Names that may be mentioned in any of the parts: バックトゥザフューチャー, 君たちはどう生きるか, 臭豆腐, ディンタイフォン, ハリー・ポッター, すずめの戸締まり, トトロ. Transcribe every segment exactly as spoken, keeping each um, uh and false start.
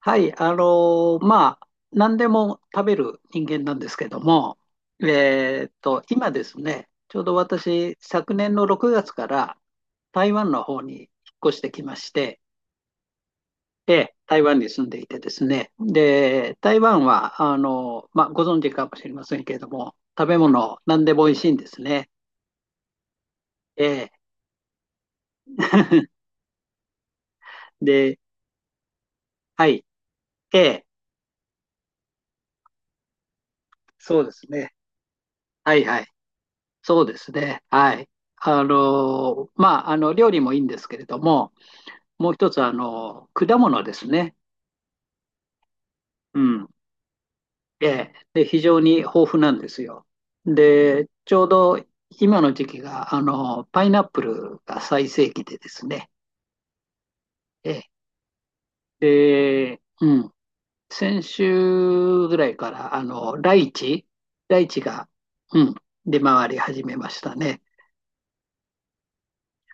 はい、あのーまあ、何でも食べる人間なんですけども、えーっと、今ですね、ちょうど私、昨年のろくがつから台湾の方に引っ越してきまして、で、台湾に住んでいてですね、で、台湾は、あのーまあ、ご存知かもしれませんけれども、食べ物、何でも美味しいんですね。ええ。 で、はい、ええ、そうですね。はいはい。そうですね。はい。あの、まあ、あの、料理もいいんですけれども、もう一つ、あの、果物ですね。うん。ええ。で、非常に豊富なんですよ。で、ちょうど今の時期が、あの、パイナップルが最盛期でですね。ええ。で、うん。先週ぐらいから、あの、ライチ、ライチが、うん、出回り始めましたね。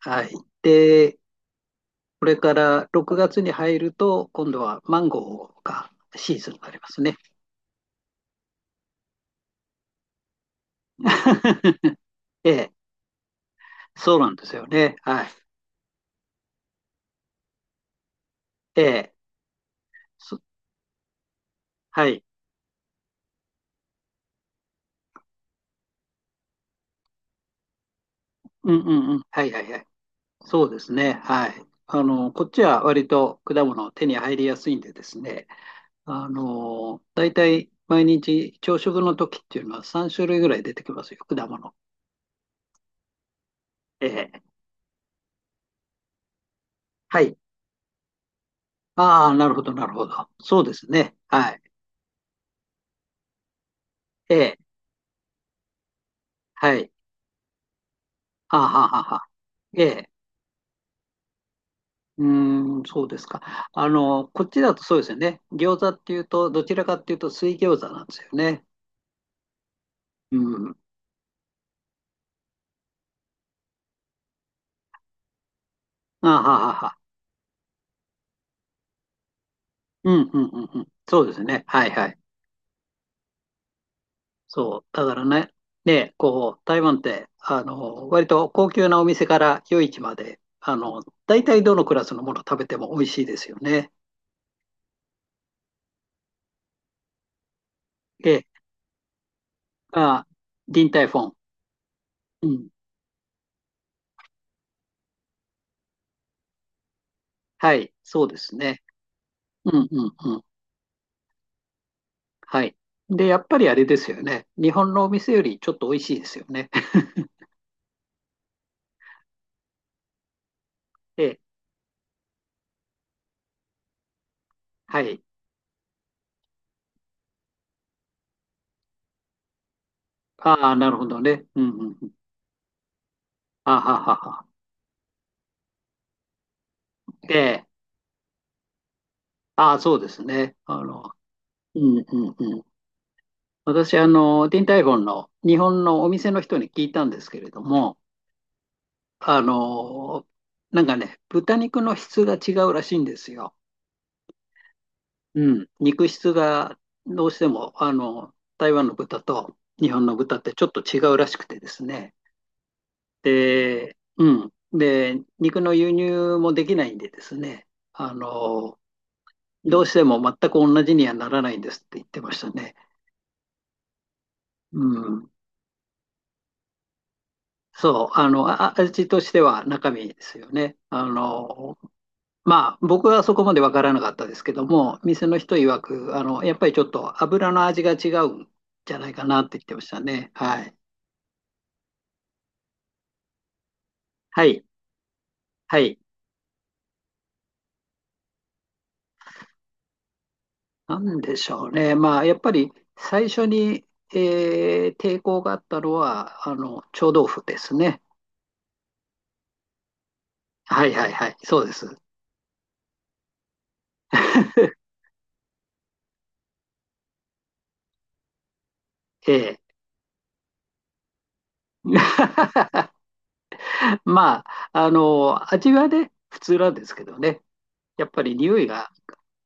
はい。で、これからろくがつに入ると、今度はマンゴーがシーズンになりますね。ええ、そうなんですよね。はい。ええ、そ、はい。うんうんうん。はいはいはい。そうですね。はい。あの、こっちは割と果物手に入りやすいんでですね、あの、大体毎日朝食の時っていうのはさん種類ぐらい出てきますよ、果物。ええ。はい。ああ、なるほど、なるほど。そうですね。はい。ええ。はい。はあはあはあはあ。ええ。うーん、そうですか。あの、こっちだとそうですよね。餃子っていうと、どちらかっていうと水餃子なんですよね。うん。あははは。うん、うん、うん、うん。そうですね。はい、はい。そう。だからね、ね、こう、台湾って、あの、割と高級なお店から夜市まで、あの、大体どのクラスのもの食べても美味しいですよね。で、まあ、ディンタイフォン。うん。はい。そうですね。うん、うん、うん。はい。で、やっぱりあれですよね。日本のお店よりちょっと美味しいですよね。ええ、はい。ああ、なるほどね。うんうんうん。あははは。ええ、ああ、そうですね。あの、うんうんうん。私、あの、ディンタイフォンの日本のお店の人に聞いたんですけれども、あの、なんかね、豚肉の質が違うらしいんですよ。うん。肉質がどうしても、あの、台湾の豚と日本の豚ってちょっと違うらしくてですね。で、うん。で、肉の輸入もできないんでですね。あの、どうしても全く同じにはならないんですって言ってましたね。うん。そう、あの、あ味としては中身ですよね。あの、まあ、僕はそこまでわからなかったですけども、店の人曰く、あの、やっぱりちょっと油の味が違うんじゃないかなって言ってましたね。はい。はい。はい。なんでしょうね。まあ、やっぱり最初に、えー抵抗があったのは、あの、臭豆腐ですね。はいはいはい。そうです。ええ。まあ、あの、味はね、普通なんですけどね。やっぱり匂いが、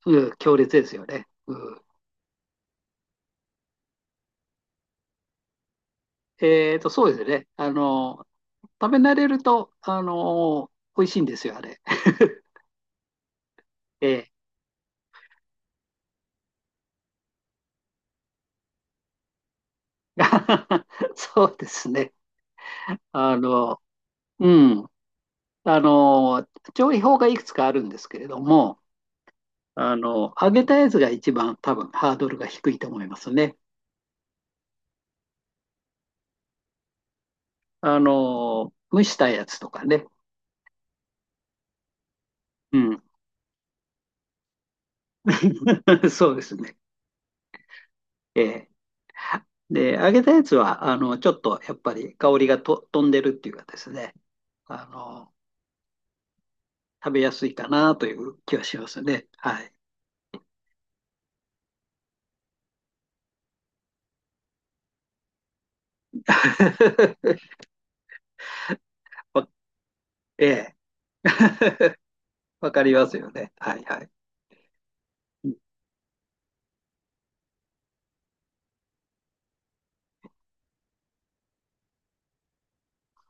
うん、強烈ですよね。うん、えーと、そうですね。あの、食べ慣れると、あの、美味しいんですよ、あれ。ええ。 そうですね。あの、うん。あの、調理法がいくつかあるんですけれども、あの、揚げたやつが一番多分ハードルが低いと思いますね。あの、蒸したやつとかね。うん。そうですね。ええ。で、揚げたやつは、あの、ちょっとやっぱり香りがと飛んでるっていうかですね、あの、食べやすいかなという気はしますね。はい。わ、ええ。わかりますよね。はいはい。うん、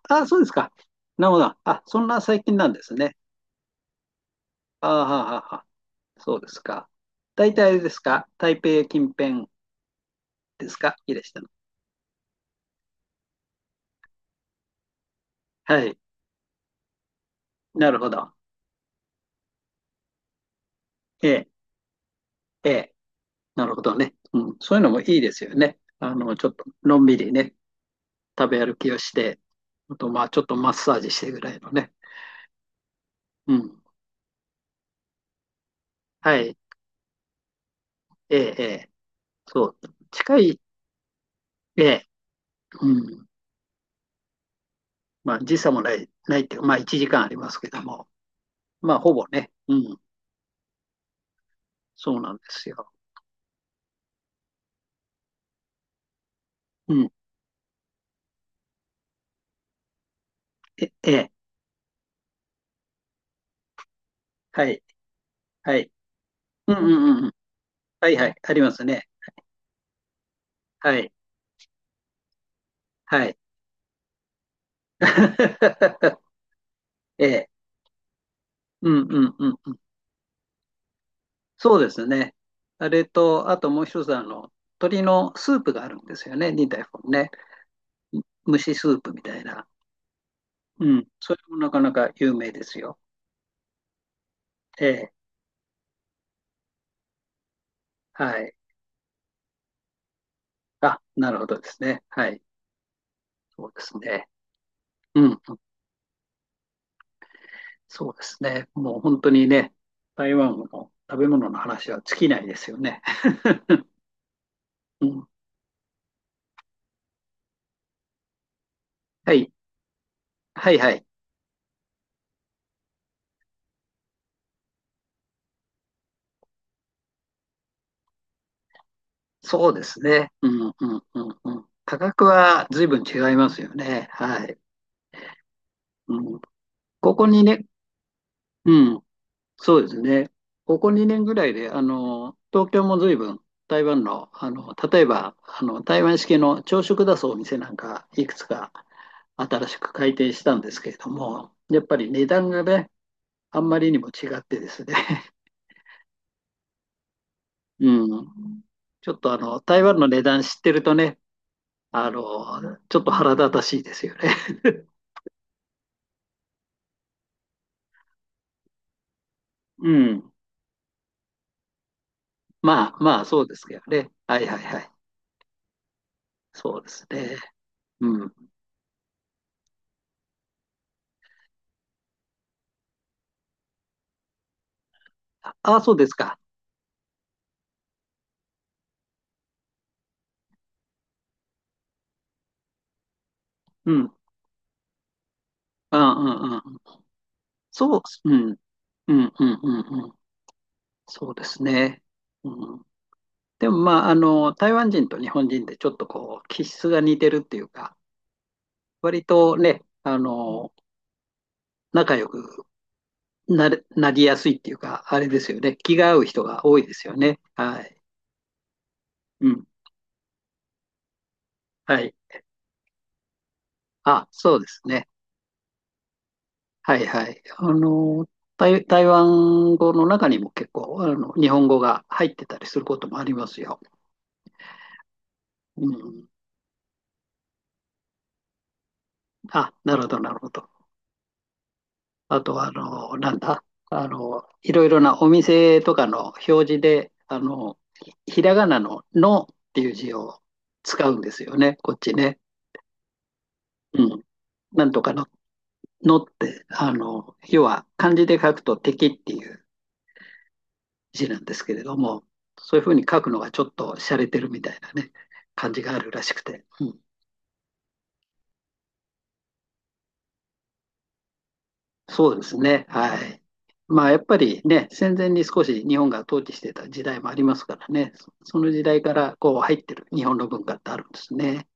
あ、そうですか。なるほど。あ、そんな最近なんですね。ああ、はあはあはあ、そうですか。大体あれですか。台北近辺ですか。いらしたの。はい。なるほど。ええ、ええ。なるほどね。うん。そういうのもいいですよね。あの、ちょっとのんびりね、食べ歩きをして、あと、まあ、ちょっとマッサージしてぐらいのね。うん。はい。ええ、ええ。そう。近い、ええ、うん。まあ、時差もない、ないっていうか、まあ、いちじかんありますけども、まあ、ほぼね。うん。そうなんですよ。うん。え、ええ、はい、はい。うんうんうんうん。はいはい。ありますね。はい、はい。ええ、うんうんうん。そうですね。あれと、あともう一つ、あの、鶏のスープがあるんですよね、にだい本ね。蒸しスープみたいな。うん。それもなかなか有名ですよ。ええ。はい。あ、なるほどですね。はい。そうですね。うん。そうですね。もう本当にね、台湾の食べ物の話は尽きないですよね。うん。はい。はいはい。そうですね。うんうんうんうん。価格は随分違いますよね。はい。うん、ここにね、うん。そうですね。ここにねんぐらいで、あの、東京も随分台湾の、あの、例えば、あの、台湾式の朝食出すお店なんか、いくつか新しく開店したんですけれども、やっぱり値段がね、あんまりにも違ってですね、うん。ちょっとあの、台湾の値段知ってるとね、あの、ちょっと腹立たしいですよね。うん。まあまあ、そうですけどね。はいはいはい。そうですね。うん。ああ、そうですか。うん。うんうんうん。そう、うん、うん、うん、うん、うん。そうですね。うん。でも、まあ、あの、台湾人と日本人でちょっとこう、気質が似てるっていうか、割とね、あの、仲良くなれ、なりやすいっていうか、あれですよね。気が合う人が多いですよね。はい。うん。はい。あ、そうですね。はいはい。あの、台、台湾語の中にも結構、あの、日本語が入ってたりすることもありますよ。うん。あ、なるほど、なるほど。あとは、あの、なんだ、あの、いろいろなお店とかの表示で、あの、ひひらがなののっていう字を使うんですよね、こっちね。うん。なんとかの、のって、あの、要は漢字で書くと敵っていう字なんですけれども、そういうふうに書くのがちょっと洒落てるみたいなね、感じがあるらしくて。うん、そうですね。はい。まあ、やっぱりね、戦前に少し日本が統治してた時代もありますからね、そその時代からこう入ってる日本の文化ってあるんですね。